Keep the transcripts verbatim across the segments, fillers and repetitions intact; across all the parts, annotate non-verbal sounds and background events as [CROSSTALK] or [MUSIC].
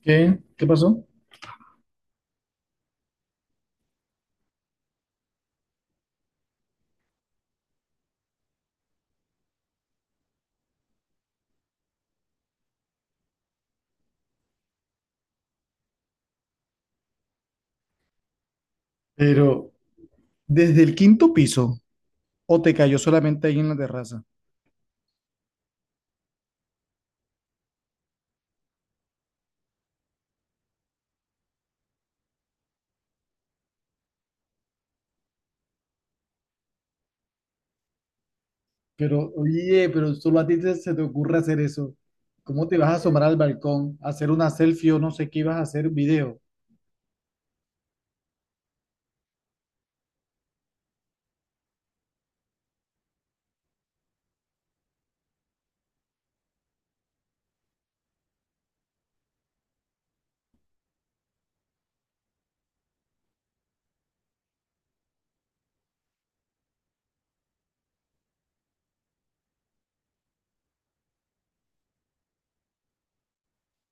¿Qué? ¿Qué pasó? Pero desde el quinto piso, o te cayó solamente ahí en la terraza. Pero, oye, pero solo a ti te- se te ocurre hacer eso. ¿Cómo te vas a asomar al balcón, a hacer una selfie o no sé qué ibas a hacer, video?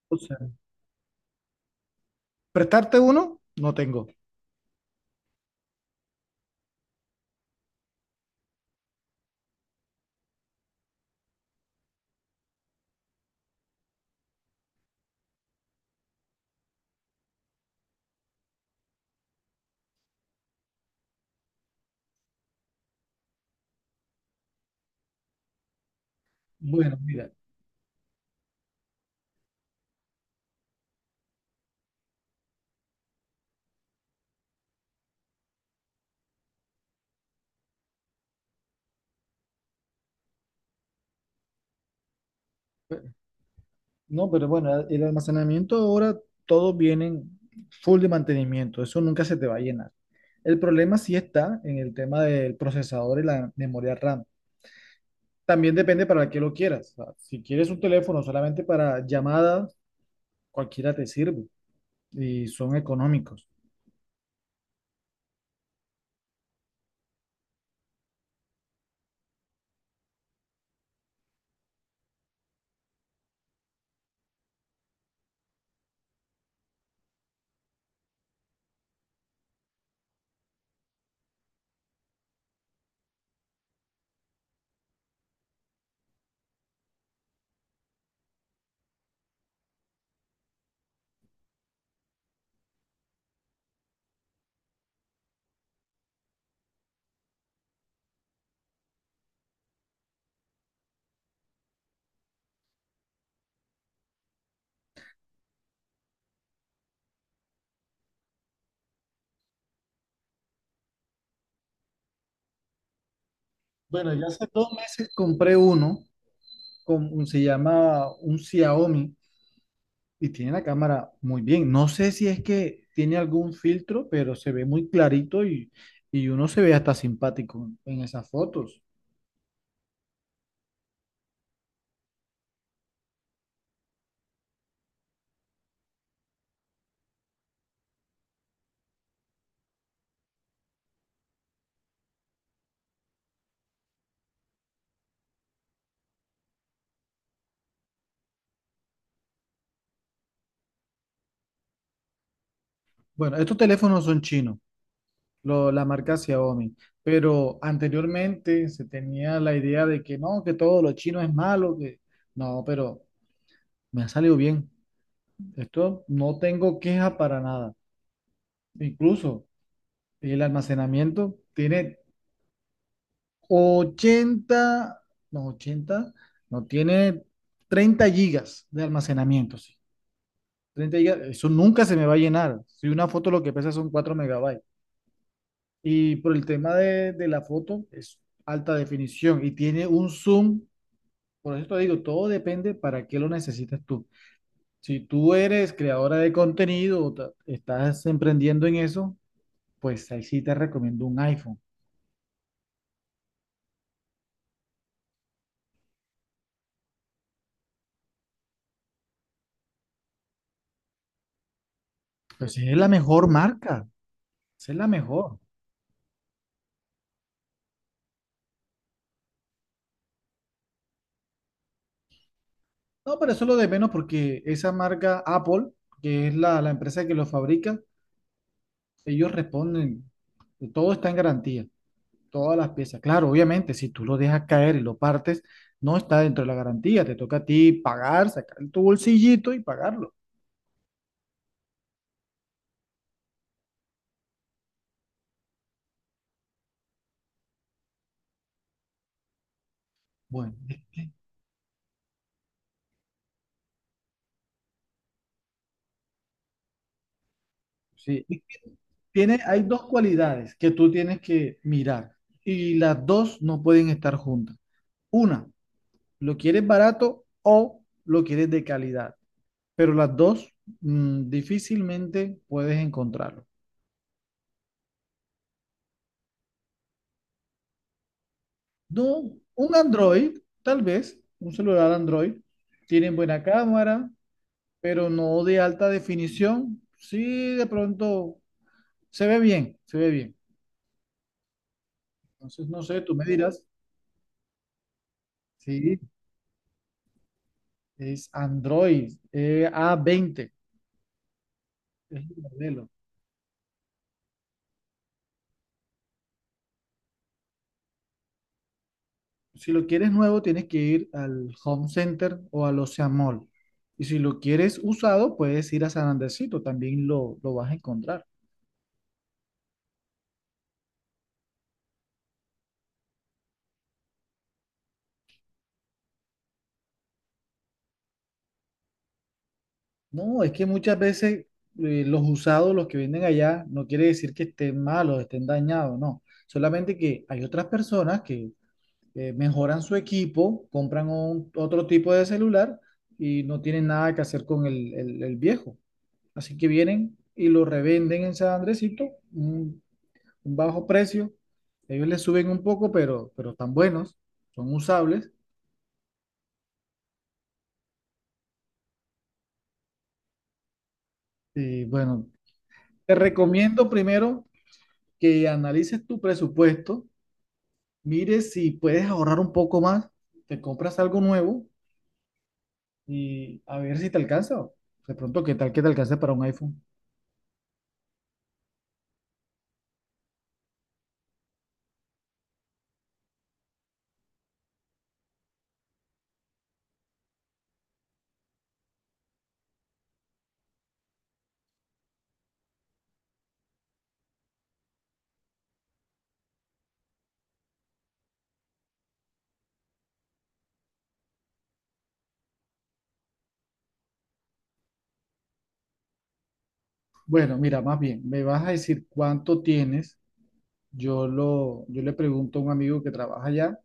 O sea, ¿prestarte uno? No tengo. Bueno, mira, pe- no, pero bueno, el almacenamiento ahora todos vienen full de mantenimiento, eso nunca se te va a llenar. El problema sí está en el tema del procesador y la memoria RAM. También depende para qué lo quieras. O sea, si quieres un teléfono solamente para llamadas, cualquiera te sirve y son económicos. Bueno, ya hace dos meses compré uno, con, un- se llama un Xiaomi y tiene la cámara muy bien. No sé si es que tiene algún filtro, pero se ve muy clarito y, y uno se ve hasta simpático en esas fotos. Bueno, estos teléfonos son chinos. Lo- la marca Xiaomi. Pero anteriormente se tenía la idea de que no, que todo lo chino es malo, que no, pero me ha salido bien. Esto no tengo queja para nada. Incluso el almacenamiento tiene ochenta, no, ochenta, no, tiene treinta gigas de almacenamiento, sí. treinta gigas, eso nunca se me va a llenar. Si una foto lo que pesa son cuatro megabytes. Y por el tema de, de la foto, es alta definición y tiene un zoom. Por eso te digo, todo depende para qué lo necesitas tú. Si tú eres creadora de contenido o ta- estás emprendiendo en eso, pues ahí sí te recomiendo un iPhone. Pues es la mejor marca, esa es la mejor. No, pero eso es lo de menos porque esa marca Apple, que es la, la empresa que lo fabrica, ellos responden, todo está en garantía. Todas las piezas. Claro, obviamente, si tú lo dejas caer y lo partes, no está dentro de la garantía. Te toca a ti pagar, sacar tu bolsillito y pagarlo. Bueno, [LAUGHS] sí. Tiene, hay dos cualidades que tú tienes que mirar y las dos no pueden estar juntas. Una, lo quieres barato o lo quieres de calidad, pero las dos mm, difícilmente puedes encontrarlo. No, un Android, tal vez, un celular Android, tienen buena cámara, pero no de alta definición. Sí, de pronto se ve bien, se ve bien. Entonces, no sé, tú me dirás. Sí, es Android, eh, A veinte, es el modelo. Si lo quieres nuevo, tienes que ir al Home Center o al Ocean Mall. Y si lo quieres usado, puedes ir a San Andresito, también lo, lo vas a encontrar. No, es que muchas veces eh, los usados, los que venden allá, no quiere decir que estén malos, estén dañados, no. Solamente que hay otras personas que eh, mejoran su equipo, compran un- otro tipo de celular y no tienen nada que hacer con el, el- el viejo. Así que vienen y lo revenden en San Andresito, un, un bajo precio. Ellos les suben un poco, pero, pero están buenos, son usables. Y bueno, te recomiendo primero que analices tu presupuesto, mires si puedes ahorrar un poco más, te compras algo nuevo y a ver si te alcanza. De pronto, ¿qué tal que te alcance para un iPhone? Bueno, mira, más bien, me vas a decir cuánto tienes. Yo lo, yo le pregunto a un amigo que trabaja allá,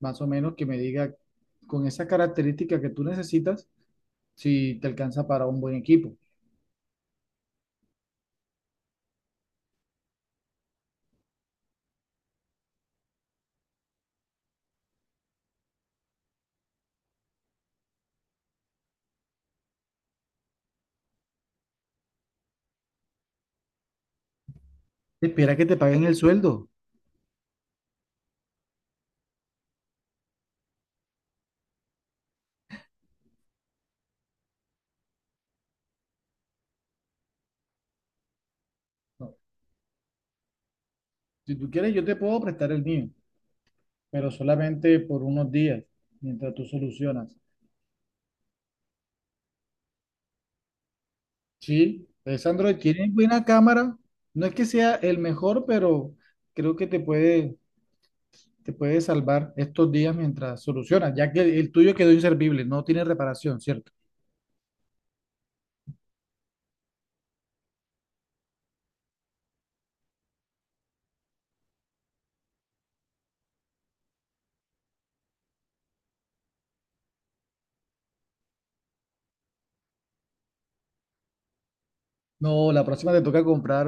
más o menos, que me diga con esa característica que tú necesitas, si te alcanza para un buen equipo. Espera que te paguen el sueldo. No, si tú quieres, yo te puedo prestar el mío, pero solamente por unos días, mientras tú solucionas. Sí, es Android, tiene buena cámara. No es que sea el mejor, pero creo que te puede te puede salvar estos días mientras solucionas, ya que el tuyo quedó inservible, no tiene reparación, ¿cierto? No, la próxima te toca comprar,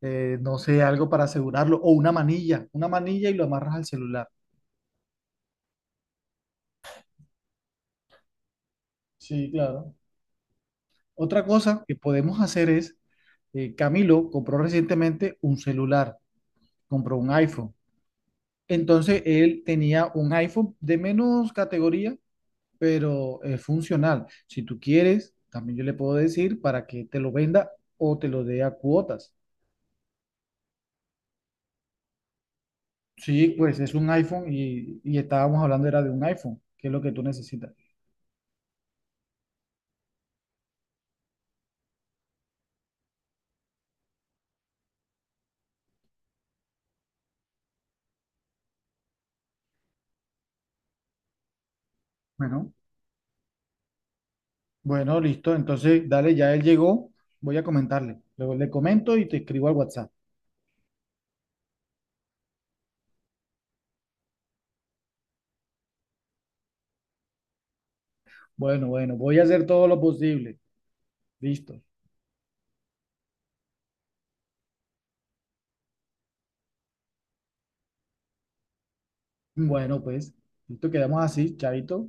eh, no sé, algo para asegurarlo o una manilla, una manilla y lo amarras al celular. Sí, claro. Otra cosa que podemos hacer es eh, Camilo compró recientemente un celular, compró un iPhone. Entonces él tenía un iPhone de menos categoría, pero es funcional. Si tú quieres, también yo le puedo decir para que te lo venda o te lo dé a cuotas. Sí, pues es un iPhone y, y estábamos hablando era de un iPhone, que es lo que tú necesitas. Bueno, bueno, listo. Entonces, dale, ya él llegó. Voy a comentarle. Luego le comento y te escribo al WhatsApp. Bueno, bueno, voy a hacer todo lo posible. Listo. Bueno, pues, listo, quedamos así, chavito.